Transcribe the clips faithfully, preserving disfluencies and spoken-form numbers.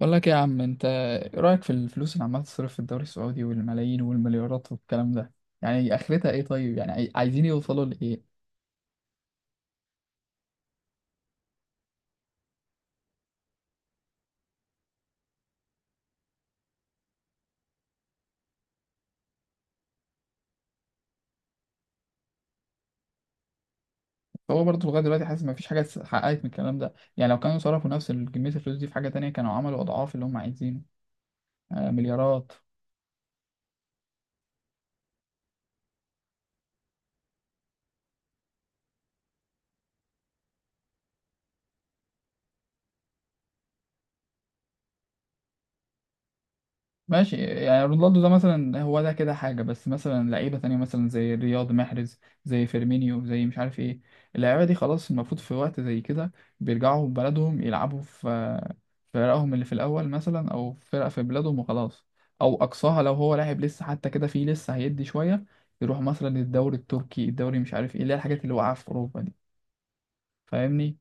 بقول لك إيه يا عم؟ انت ايه رايك في الفلوس اللي عماله تصرف في الدوري السعودي والملايين والمليارات والكلام ده؟ يعني اخرتها ايه؟ طيب يعني عاي- عايزين يوصلوا لايه؟ هو برضه لغايه دلوقتي حاسس ما فيش حاجه اتحققت من الكلام ده، يعني لو كانوا صرفوا نفس كميه الفلوس دي في حاجه تانية كانوا عملوا اضعاف اللي هم عايزينه. آه، مليارات. ماشي، يعني رونالدو ده مثلا هو ده كده حاجة، بس مثلا لعيبة تانية مثلا زي رياض محرز، زي فيرمينيو، زي مش عارف ايه، اللعيبة دي خلاص المفروض في وقت زي كده بيرجعوا بلدهم يلعبوا في في فرقهم اللي في الأول مثلا، أو في فرق في بلادهم وخلاص. أو أقصاها لو هو لاعب لسه حتى كده فيه لسه هيدي شوية، يروح مثلا الدوري التركي، الدوري مش عارف ايه، اللي هي الحاجات اللي واقعة في أوروبا دي. فاهمني؟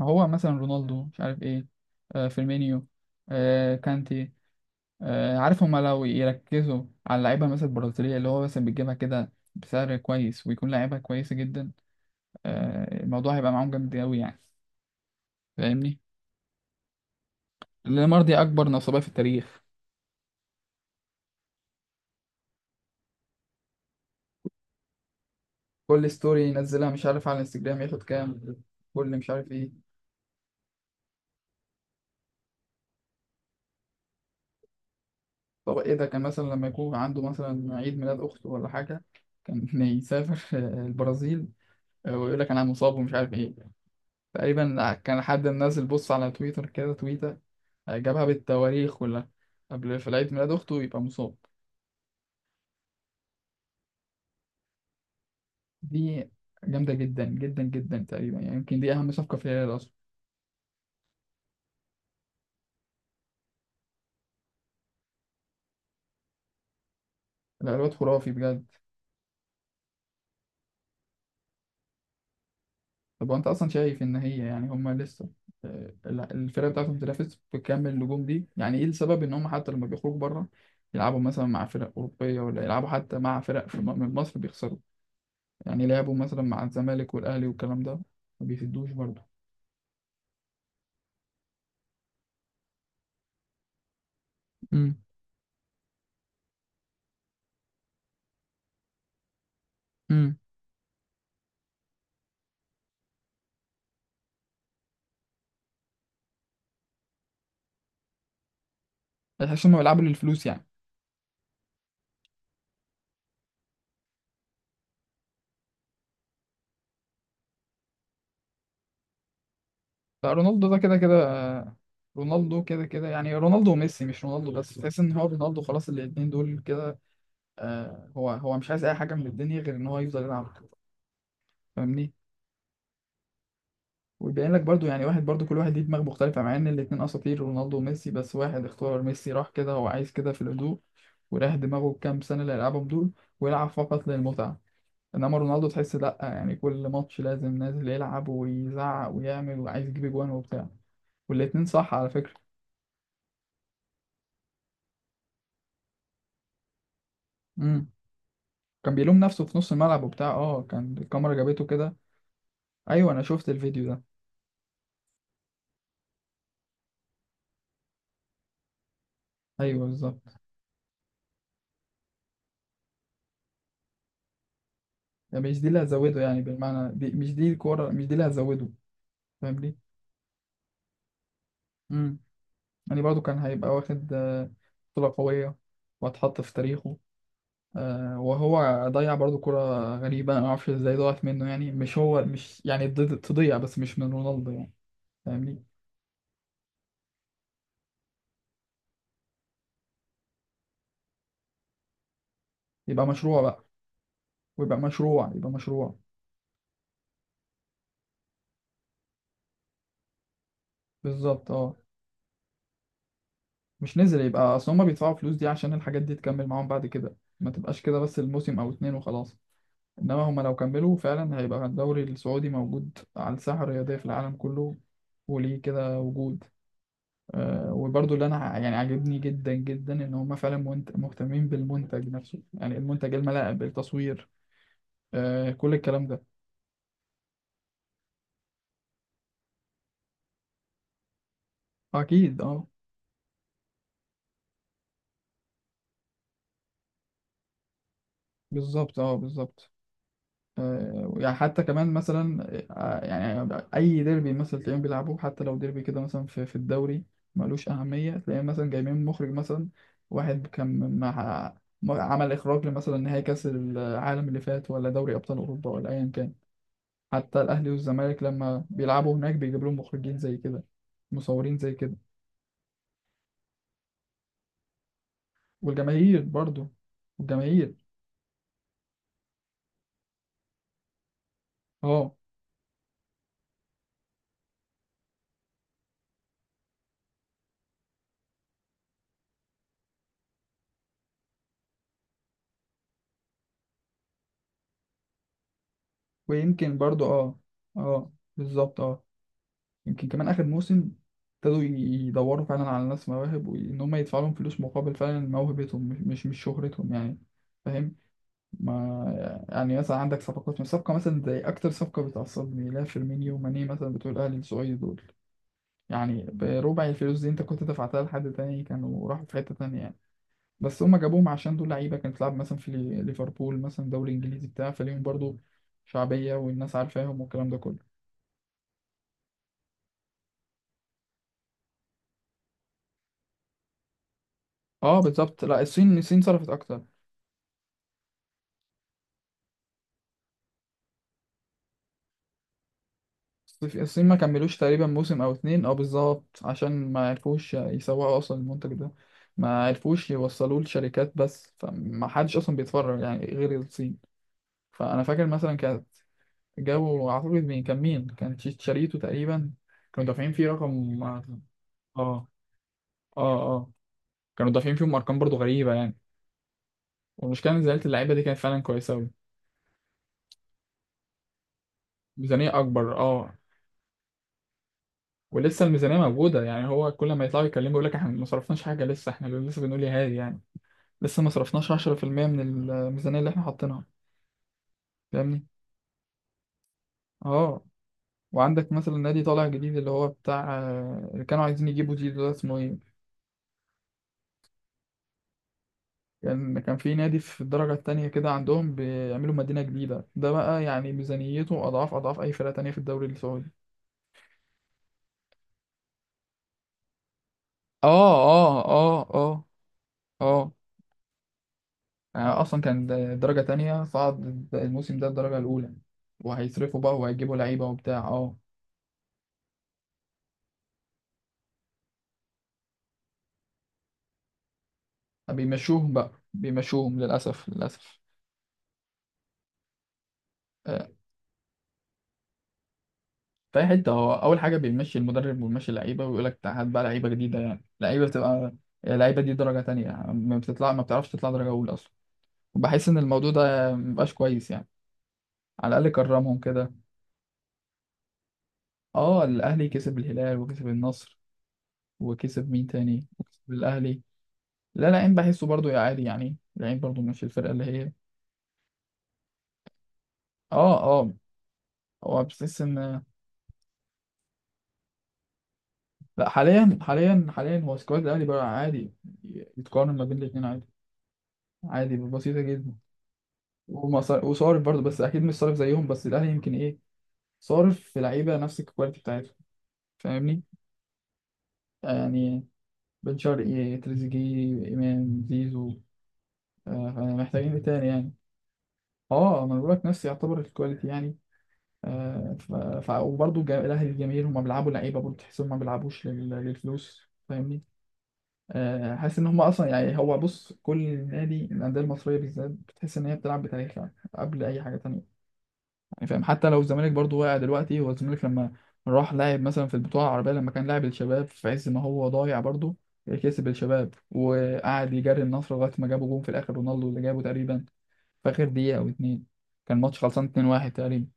هو مثلا رونالدو، مش عارف ايه. آه، فيرمينيو. آه، كانتي. آه، عارف هما لو يركزوا على اللعيبة مثلا البرازيلية اللي هو مثلا بتجيبها كده بسعر كويس ويكون لعيبة كويسة جدا، آه، الموضوع هيبقى معاهم جامد أوي يعني. فاهمني؟ نيمار دي أكبر نصابة في التاريخ. كل ستوري ينزلها مش عارف على الانستجرام ياخد كام، كل مش عارف ايه. طب ايه ده، كان مثلا لما يكون عنده مثلا عيد ميلاد أخته ولا حاجة كان يسافر آه، البرازيل. آه، ويقول لك أنا مصاب ومش عارف ايه. تقريبا كان حد منزل بص على تويتر كده تويتة، جابها بالتواريخ كلها، قبل في العيد ميلاد أخته يبقى مصاب. دي جامدة جدا جدا جدا، تقريبا يعني يمكن دي أهم صفقة في الهلال أصلا. لا الواد خرافي بجد. طب وأنت أصلا شايف إن هي يعني هما لسه آه، ال- الفرقة بتاعتهم بتنافس بكم النجوم دي، يعني إيه السبب إن هما حتى لما بيخرجوا بره يلعبوا مثلا مع فرق أوروبية، ولا يلعبوا حتى مع فرق في م- من مصر بيخسروا؟ يعني لعبوا مثلا مع الزمالك والأهلي والكلام ده ما بيفيدوش برضه. امم. امم. تحس إنهم بيلعبوا للفلوس يعني. لا رونالدو ده كده كده، آه، رونالدو كده كده، يعني رونالدو وميسي، مش رونالدو بس، تحس ان هو رونالدو خلاص، الاتنين دول كده. آه، هو هو مش عايز اي حاجه من الدنيا غير ان هو يفضل يلعب كورة. فاهمني؟ ويبين لك برضو يعني واحد، برضو كل واحد ليه دماغ مختلفه، مع ان الاتنين اساطير رونالدو وميسي، بس واحد اختار ميسي راح كده، هو عايز كده في الهدوء، وراح دماغه كام سنه اللي هيلعبهم دول ويلعب فقط للمتعه. انما رونالدو تحس لا، يعني كل ماتش لازم نازل يلعب ويزعق ويعمل، وعايز يجيب اجوان وبتاع. والاتنين صح على فكره. امم. كان بيلوم نفسه في نص الملعب وبتاع، اه كان الكاميرا جابته كده. ايوه انا شفت الفيديو ده. ايوه بالظبط. يعني مش دي اللي هتزوده يعني بالمعنى، دي مش دي الكوره مش دي اللي هتزوده. فاهمني؟ امم. يعني برضو كان هيبقى واخد آه، بطوله قويه، وهتحط في تاريخه. آه وهو ضيع برضو كرة غريبة، أنا معرفش ازاي ضاعت منه يعني، مش هو مش يعني ضد- تضيع، بس مش من رونالدو يعني. فاهمني؟ يبقى مشروع بقى، ويبقى مشروع، يبقى مشروع. بالظبط، اه. مش نزل، يبقى اصل هما بيدفعوا فلوس دي عشان الحاجات دي تكمل معاهم بعد كده، ما تبقاش كده بس الموسم او اتنين وخلاص. انما هما لو كملوا فعلا هيبقى الدوري السعودي موجود على الساحة الرياضية في العالم كله، وليه كده وجود. أه، وبرضو اللي انا ع- يعني عاجبني جدا جدا ان هما فعلا منت- مهتمين بالمنتج نفسه، يعني المنتج، الملاعب، التصوير، أه كل الكلام ده. اكيد اه. بالظبط اه بالظبط. آه، يعني حتى كمان مثلا آه، يعني اي ديربي مثلا تلاقيهم بيلعبوه، حتى لو ديربي كده مثلا في, في الدوري ملوش اهميه، تلاقيهم مثلا جايبين مخرج مثلا واحد كان مع مع- عمل اخراج مثلا نهائي كاس العالم اللي فات، ولا دوري ابطال اوروبا، ولا ايا كان. حتى الاهلي والزمالك لما بيلعبوا هناك بيجيب لهم مخرجين زي كده، مصورين زي كده. والجماهير برضو، والجماهير. اه. ويمكن برضو اه. اه بالظبط اه. يمكن كمان آخر موسم ابتدوا يدوروا فعلا على ناس مواهب، وإن هم يدفعوا لهم فلوس مقابل فعلا موهبتهم، مش مش مش شهرتهم يعني. فاهم؟ ما يعني مثلا عندك صفقات من صفقة مثلا زي أكتر صفقة بتعصبني، لا فيرمينيو وماني مثلا بتوع الأهلي السعودي دول، يعني بربع الفلوس دي أنت كنت دفعتها لحد تاني كانوا راحوا في حتة تانية يعني. بس هم جابوهم عشان دول لعيبة كانت بتلعب مثلا في لي- ليفربول مثلا، دوري إنجليزي بتاع، فليهم برضو شعبية والناس عارفاهم والكلام ده كله. اه بالظبط. لا الصين، الصين صرفت اكتر. الصيف- الصين ما كملوش تقريبا موسم او اتنين، اه بالظبط، عشان ما عرفوش يسوقوا اصلا المنتج ده، ما عرفوش يوصلوه لشركات، بس فما حدش اصلا بيتفرج يعني غير الصين. فانا فاكر مثلا كانت جو اعتقد، مين كان، مين كان شي- شريته تقريبا، كانوا دافعين فيه رقم اه. اه اه. كانوا دافعين فيهم ارقام برضو غريبة يعني. والمشكلة ان زيادة اللعيبة دي كانت فعلا كويسة اوي. ميزانية اكبر اه. ولسه الميزانية موجودة، يعني هو كل ما يطلعوا يتكلموا يقول لك احنا ما صرفناش حاجة لسه، احنا لسه بنقول يا هادي يعني. لسه ما صرفناش عشرة في المية من الميزانية اللي احنا حاطينها. فاهمني؟ اه. وعندك مثلا نادي طالع جديد اللي هو بتاع آه، اللي كانوا عايزين يجيبوا زيزو، ده اسمه ايه؟ كان كان في نادي في الدرجة التانية كده عندهم، بيعملوا مدينة جديدة، ده بقى يعني ميزانيته أضعاف أضعاف أي فرقة تانية في الدوري السعودي. اه اه. اه اه اه. يعني أصلا كان د- درجة تانية، صعد الموسم ده الدرجة الأولى، وهيصرفوا بقى وهيجيبوا لعيبة وبتاع اه. بيمشوهم بقى، بيمشوهم للأسف، للأسف. آه، في أي حتة هو أول حاجة بيمشي المدرب ويمشي اللعيبة ويقول لك هات بقى لعيبة جديدة، يعني لعيبة بتبقى يعني اللعيبة دي درجة تانية، ما بتطلع، ما بتعرفش تطلع درجة أولى أصلا. بحس إن الموضوع ده مبقاش كويس يعني. على الأقل كرمهم كده. أه، الأهلي كسب الهلال، وكسب النصر، وكسب مين تاني، وكسب الأهلي. لا العين بحسه برضو يا عادي يعني، العين برضو مش الفرقة اللي هي، أه أه. هو بتحس إن، لا حاليا حاليا حاليا هو سكواد الأهلي بقى عادي، يتقارن ما بين الاتنين عادي، عادي، بسيطة جدا. ومصا- وصارف برضه، بس اكيد مش صارف زيهم، بس الاهلي يمكن ايه، صارف في لعيبه نفس الكواليتي بتاعتهم. فاهمني؟ يعني بن شرقي، تريزيجيه، امام، زيزو، آه محتاجين ايه تاني يعني؟ اه انا بقول لك نفس يعتبر الكواليتي يعني. آه، ف... ف... وبرضه جا- الاهلي، الجماهير هم بيلعبوا لعيبه برضه تحسهم ما بيلعبوش لل... للفلوس. فاهمني؟ آه حاسس ان هم اصلا يعني، هو بص، كل نادي، الانديه المصريه بالذات بتحس ان هي بتلعب بتاريخها قبل اي حاجه تانيه، يعني فاهم؟ حتى لو الزمالك برضو واقع دلوقتي، هو الزمالك لما راح لاعب مثلا في البطولة العربية لما كان لاعب الشباب، في عز ما هو ضايع برضو كسب الشباب، وقعد يجري النصر لغاية ما جابوا جون في الآخر، رونالدو اللي جابه تقريبا في آخر دقيقة أو اتنين، كان ماتش خلصان اتنين واحد تقريبا.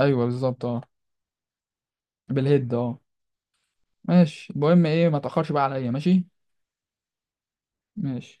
أيوه بالظبط اه، بالهيد اه. ماشي، المهم ايه، ما تأخرش بقى عليا. ماشي. ماشي.